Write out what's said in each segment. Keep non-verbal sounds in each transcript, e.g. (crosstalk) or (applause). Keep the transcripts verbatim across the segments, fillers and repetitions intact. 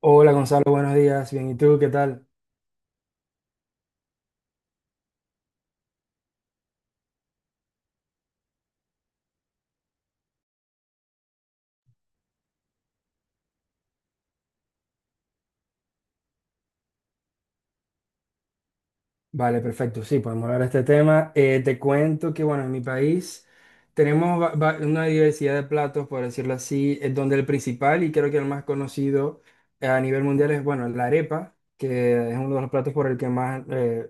Hola Gonzalo, buenos días. Bien, ¿y tú qué tal? Vale, perfecto. Sí, podemos hablar de este tema. Eh, te cuento que, bueno, en mi país tenemos va- va- una diversidad de platos, por decirlo así, eh, donde el principal y creo que el más conocido eh, a nivel mundial es, bueno, la arepa, que es uno de los platos por el que más, eh,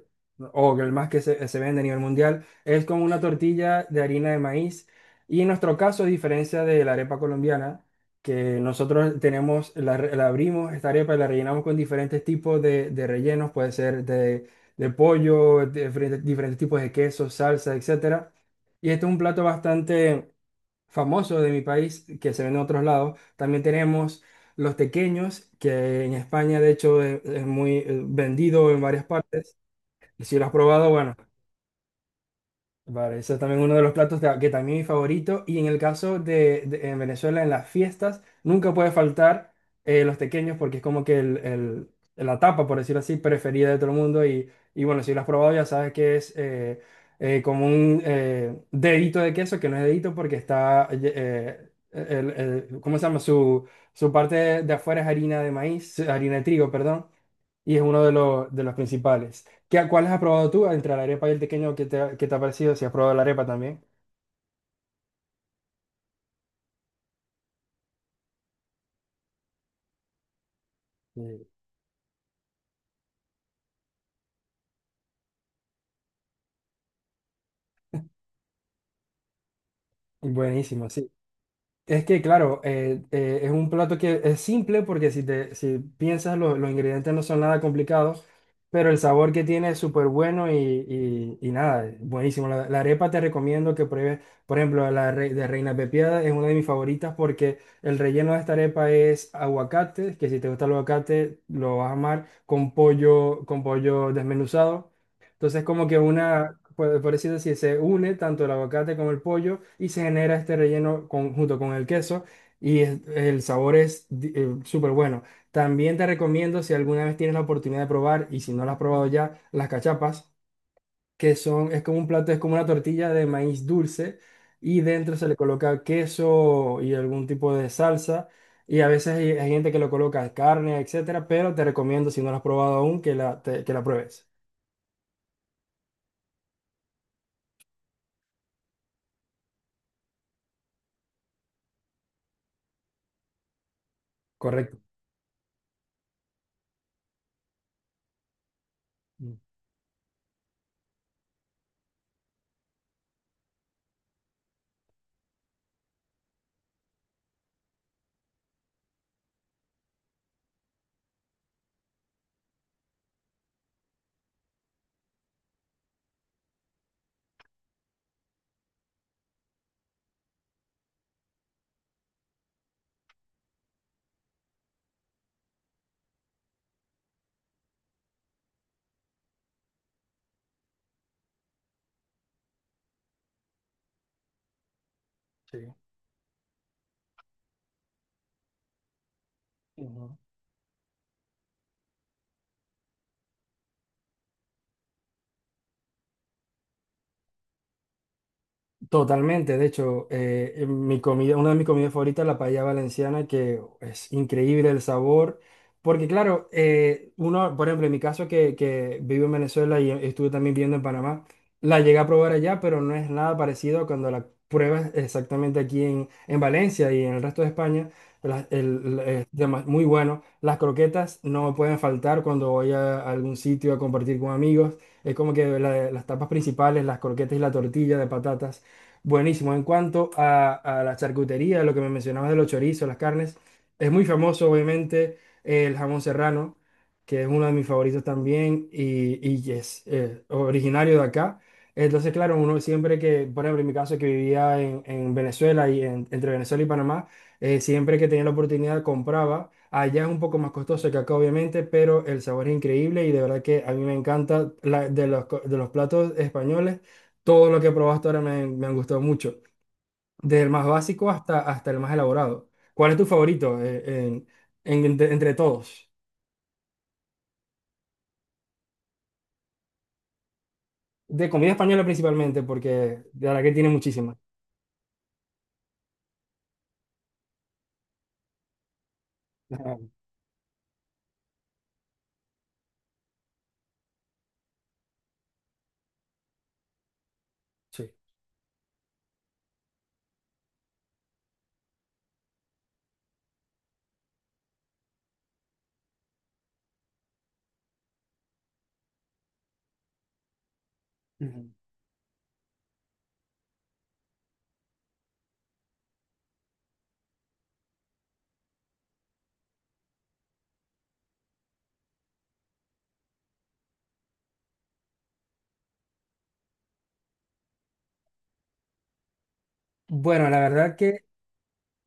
o el más que se, se vende a nivel mundial. Es como una tortilla de harina de maíz. Y en nuestro caso, a diferencia de la arepa colombiana, que nosotros tenemos, la, re- la abrimos, esta arepa y la rellenamos con diferentes tipos de, de rellenos, puede ser de de pollo, diferentes, diferentes tipos de quesos, salsa, etcétera. Y este es un plato bastante famoso de mi país, que se vende en otros lados. También tenemos los tequeños, que en España, de hecho, es, es muy eh, vendido en varias partes. Y si lo has probado, bueno. Vale, eso es también uno de los platos de- que también es mi favorito. Y en el caso de, de- en Venezuela, en las fiestas, nunca puede faltar eh, los tequeños porque es como que el, el- la tapa, por decirlo así, preferida de todo el mundo. Y, y bueno, si lo has probado ya sabes que es eh, eh, como un eh, dedito de queso, que no es dedito porque está, eh, el- el- ¿cómo se llama? Su, su parte de afuera es harina de maíz, harina de trigo, perdón, y es uno de los, de los principales. ¿Qué, cuáles has probado tú entre la arepa y el tequeño? ¿Qué te, ha- qué te ha parecido? Si has probado la arepa también. Sí. Buenísimo, sí. Es que, claro, eh, eh, es un plato que es simple porque si, te, si piensas lo- los ingredientes no son nada complicados, pero el sabor que tiene es súper bueno y, y- y nada, buenísimo. La, la arepa te recomiendo que pruebes, por ejemplo, la re- de Reina Pepiada es una de mis favoritas porque el relleno de esta arepa es aguacate, que si te gusta el aguacate lo vas a amar, con pollo, con pollo desmenuzado. Entonces, como que una, por, por así decir, se une tanto el aguacate como el pollo y se genera este relleno con- junto con el queso y es- el sabor es di- eh, súper bueno. También te recomiendo, si alguna vez tienes la oportunidad de probar y si no las has probado ya, las cachapas, que son, es como un plato, es como una tortilla de maíz dulce y dentro se le coloca queso y algún tipo de salsa. Y a veces hay, hay gente que lo coloca carne, etcétera, pero te recomiendo, si no la has probado aún, que la, te- que la pruebes. Correcto. Mm, sí. Ujú. Totalmente, de hecho, eh, en mi comida, una de mis comidas favoritas es la paella valenciana, que es increíble el sabor, porque claro, eh, uno, por ejemplo, en mi caso que, que vivo en Venezuela y estuve también viviendo en Panamá, la llegué a probar allá, pero no es nada parecido a cuando la pruebas exactamente aquí en, en Valencia y en el resto de España, la- el- la- es dema- muy bueno. Las croquetas no pueden faltar cuando voy a algún sitio a compartir con amigos, es como que la- las tapas principales, las croquetas y la tortilla de patatas. Buenísimo. En cuanto a, a la charcutería, lo que me mencionabas de los chorizos, las carnes, es muy famoso, obviamente, el jamón serrano, que es uno de mis favoritos también y, y es eh, originario de acá. Entonces, claro, uno siempre que, por ejemplo, en mi caso que vivía en, en Venezuela y en- entre Venezuela y Panamá, eh, siempre que tenía la oportunidad compraba. Allá es un poco más costoso que acá, obviamente, pero el sabor es increíble y de verdad que a mí me encanta la- de los, co- de los platos españoles. Todo lo que probaste ahora me, me han gustado mucho, desde el más básico hasta, hasta el más elaborado. ¿Cuál es tu favorito eh, en- en- entre, entre todos? De comida española principalmente, porque de verdad que tiene muchísimas. (laughs) Ajá, sí. Ujú. Bueno, la verdad,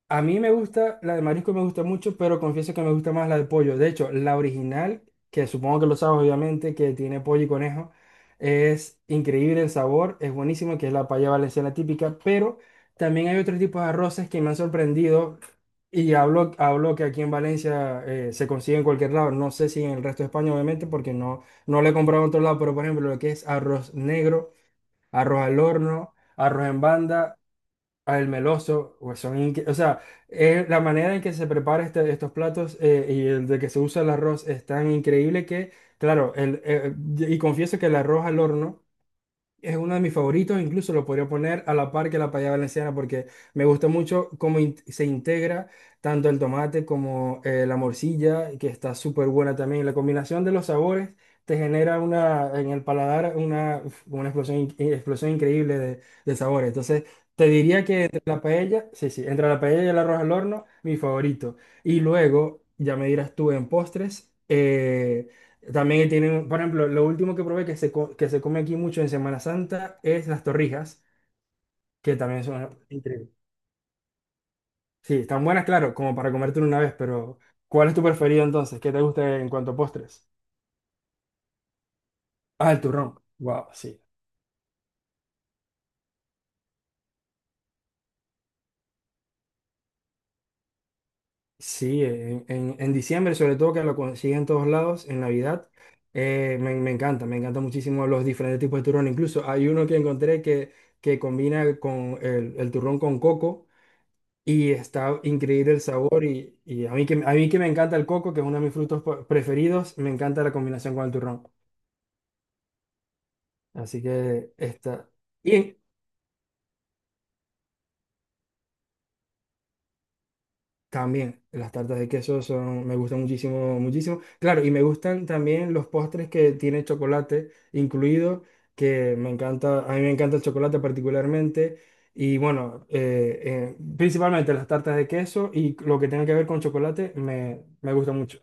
a mí me gusta, la de marisco me gusta mucho, pero confieso que me gusta más la de pollo. De hecho, la original, que supongo que lo sabes obviamente, que tiene pollo y conejo, es increíble el sabor, es buenísimo, que es la paella valenciana típica, pero también hay otros tipos de arroces que me han sorprendido y hablo, hablo que aquí en Valencia eh, se consigue en cualquier lado. No sé si en el resto de España, obviamente, porque no, no lo he comprado en otro lado, pero por ejemplo, lo que es arroz negro, arroz al horno, arroz en banda al meloso, pues son inque- o sea, eh, la manera en que se prepara este- estos platos eh, y el de que se usa el arroz es tan increíble que, claro, el, eh, y confieso que el arroz al horno es uno de mis favoritos, incluso lo podría poner a la par que la payada valenciana porque me gusta mucho cómo in- se integra tanto el tomate como eh, la morcilla, que está súper buena también. La combinación de los sabores te genera una, en el paladar una, uf, una explosión, in- eh, explosión increíble de, de sabores. Entonces, te diría que entre la paella, sí, sí, entre la paella y el arroz al horno, mi favorito. Y luego, ya me dirás tú en postres. Eh, también tienen, por ejemplo, lo último que probé que se, co- que se come aquí mucho en Semana Santa es las torrijas, que también son increíbles. Sí, están buenas, claro, como para comértelo una vez, pero ¿cuál es tu preferido entonces? ¿Qué te gusta en cuanto a postres? Ah, el turrón. Wow, sí. Sí, en, en- en diciembre, sobre todo que lo consiguen en todos lados, en Navidad, eh, me, me encanta, me encanta muchísimo los diferentes tipos de turrón. Incluso hay uno que encontré que, que combina con el, el turrón con coco. Y está increíble el sabor y, y a mí que, a mí que me encanta el coco, que es uno de mis frutos po- preferidos, me encanta la combinación con el turrón. Así que está. Y también las tartas de queso son, me gustan muchísimo, muchísimo. Claro, y me gustan también los postres que tienen chocolate incluido, que me encanta, a mí me encanta el chocolate particularmente. Y bueno, eh, eh, principalmente las tartas de queso y lo que tenga que ver con chocolate me, me gusta mucho.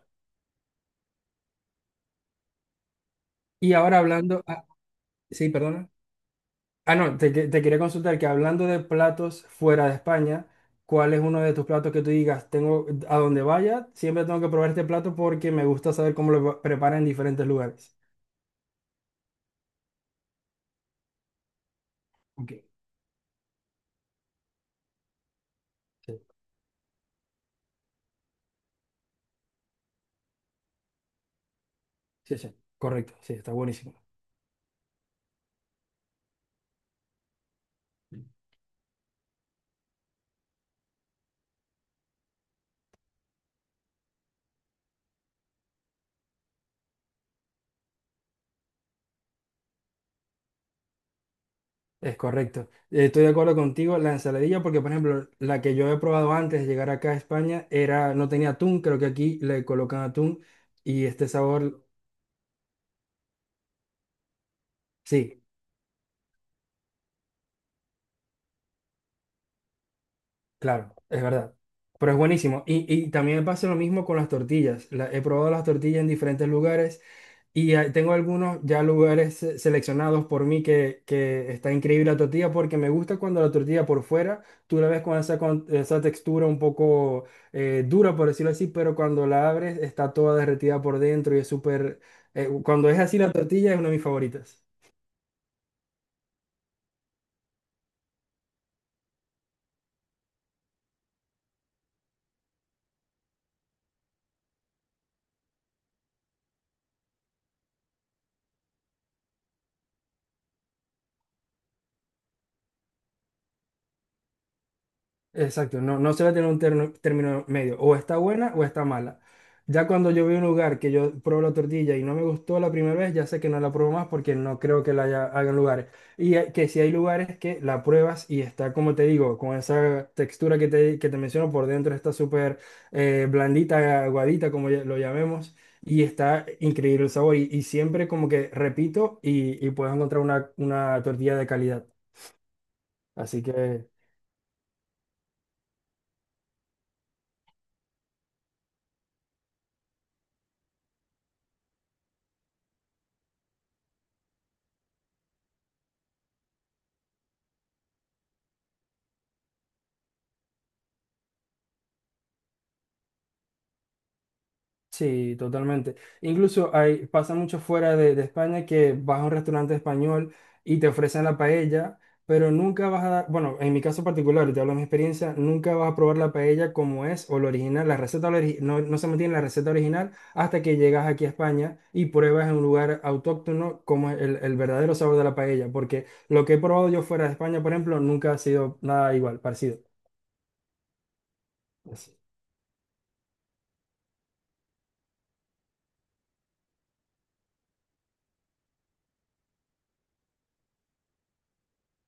Y ahora hablando... ah, sí, perdona. Ah, no, te, que- te quería consultar que hablando de platos fuera de España, ¿cuál es uno de tus platos que tú digas, tengo, a donde vaya, siempre tengo que probar este plato porque me gusta saber cómo lo preparan en diferentes lugares? Ok, sí, sí, sí. Correcto, sí, está buenísimo. Es correcto. Eh, Estoy de acuerdo contigo. La ensaladilla, porque por ejemplo, la que yo he probado antes de llegar acá a España era, no tenía atún, creo que aquí le colocan atún y este sabor, sí, claro, es verdad. Pero es buenísimo. Y, y también me pasa lo mismo con las tortillas. La- he probado las tortillas en diferentes lugares y eh, tengo algunos ya lugares se- seleccionados por mí que, que está increíble la tortilla porque me gusta cuando la tortilla por fuera, tú la ves con esa, con- esa textura un poco eh, dura, por decirlo así, pero cuando la abres está toda derretida por dentro y es súper... eh, cuando es así la tortilla es una de mis favoritas. Exacto, no, no se va a tener un terno- término medio, o está buena o está mala. Ya cuando yo voy a un lugar que yo pruebo la tortilla y no me gustó la primera vez, ya sé que no la pruebo más porque no creo que la haya, hagan lugares. Y hay- que si hay lugares que la pruebas y está, como te digo, con esa textura que te, que te menciono por dentro, está súper eh, blandita, aguadita, como ya- lo llamemos, y está increíble el sabor. Y, y siempre como que repito y, y puedes encontrar una, una tortilla de calidad. Así que... Sí, totalmente. Incluso hay, pasa mucho fuera de, de España que vas a un restaurante español y te ofrecen la paella, pero nunca vas a dar, bueno, en mi caso particular, y te hablo de mi experiencia, nunca vas a probar la paella como es o lo original, la receta ori- no, no se mantiene la receta original hasta que llegas aquí a España y pruebas en un lugar autóctono como es el, el verdadero sabor de la paella, porque lo que he probado yo fuera de España, por ejemplo, nunca ha sido nada igual, parecido.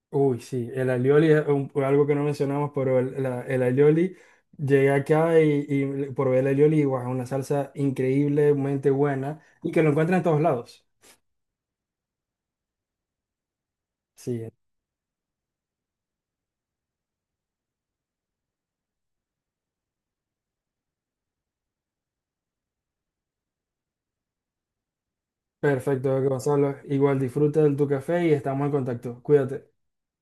Uy, sí, el alioli es un- algo que no mencionamos, pero el, la- el alioli, llegué acá y, y probé el alioli, y guau, una salsa increíblemente buena y que lo encuentran en todos lados. Sí, perfecto, Gonzalo. Igual disfruta de tu café y estamos en contacto. Cuídate.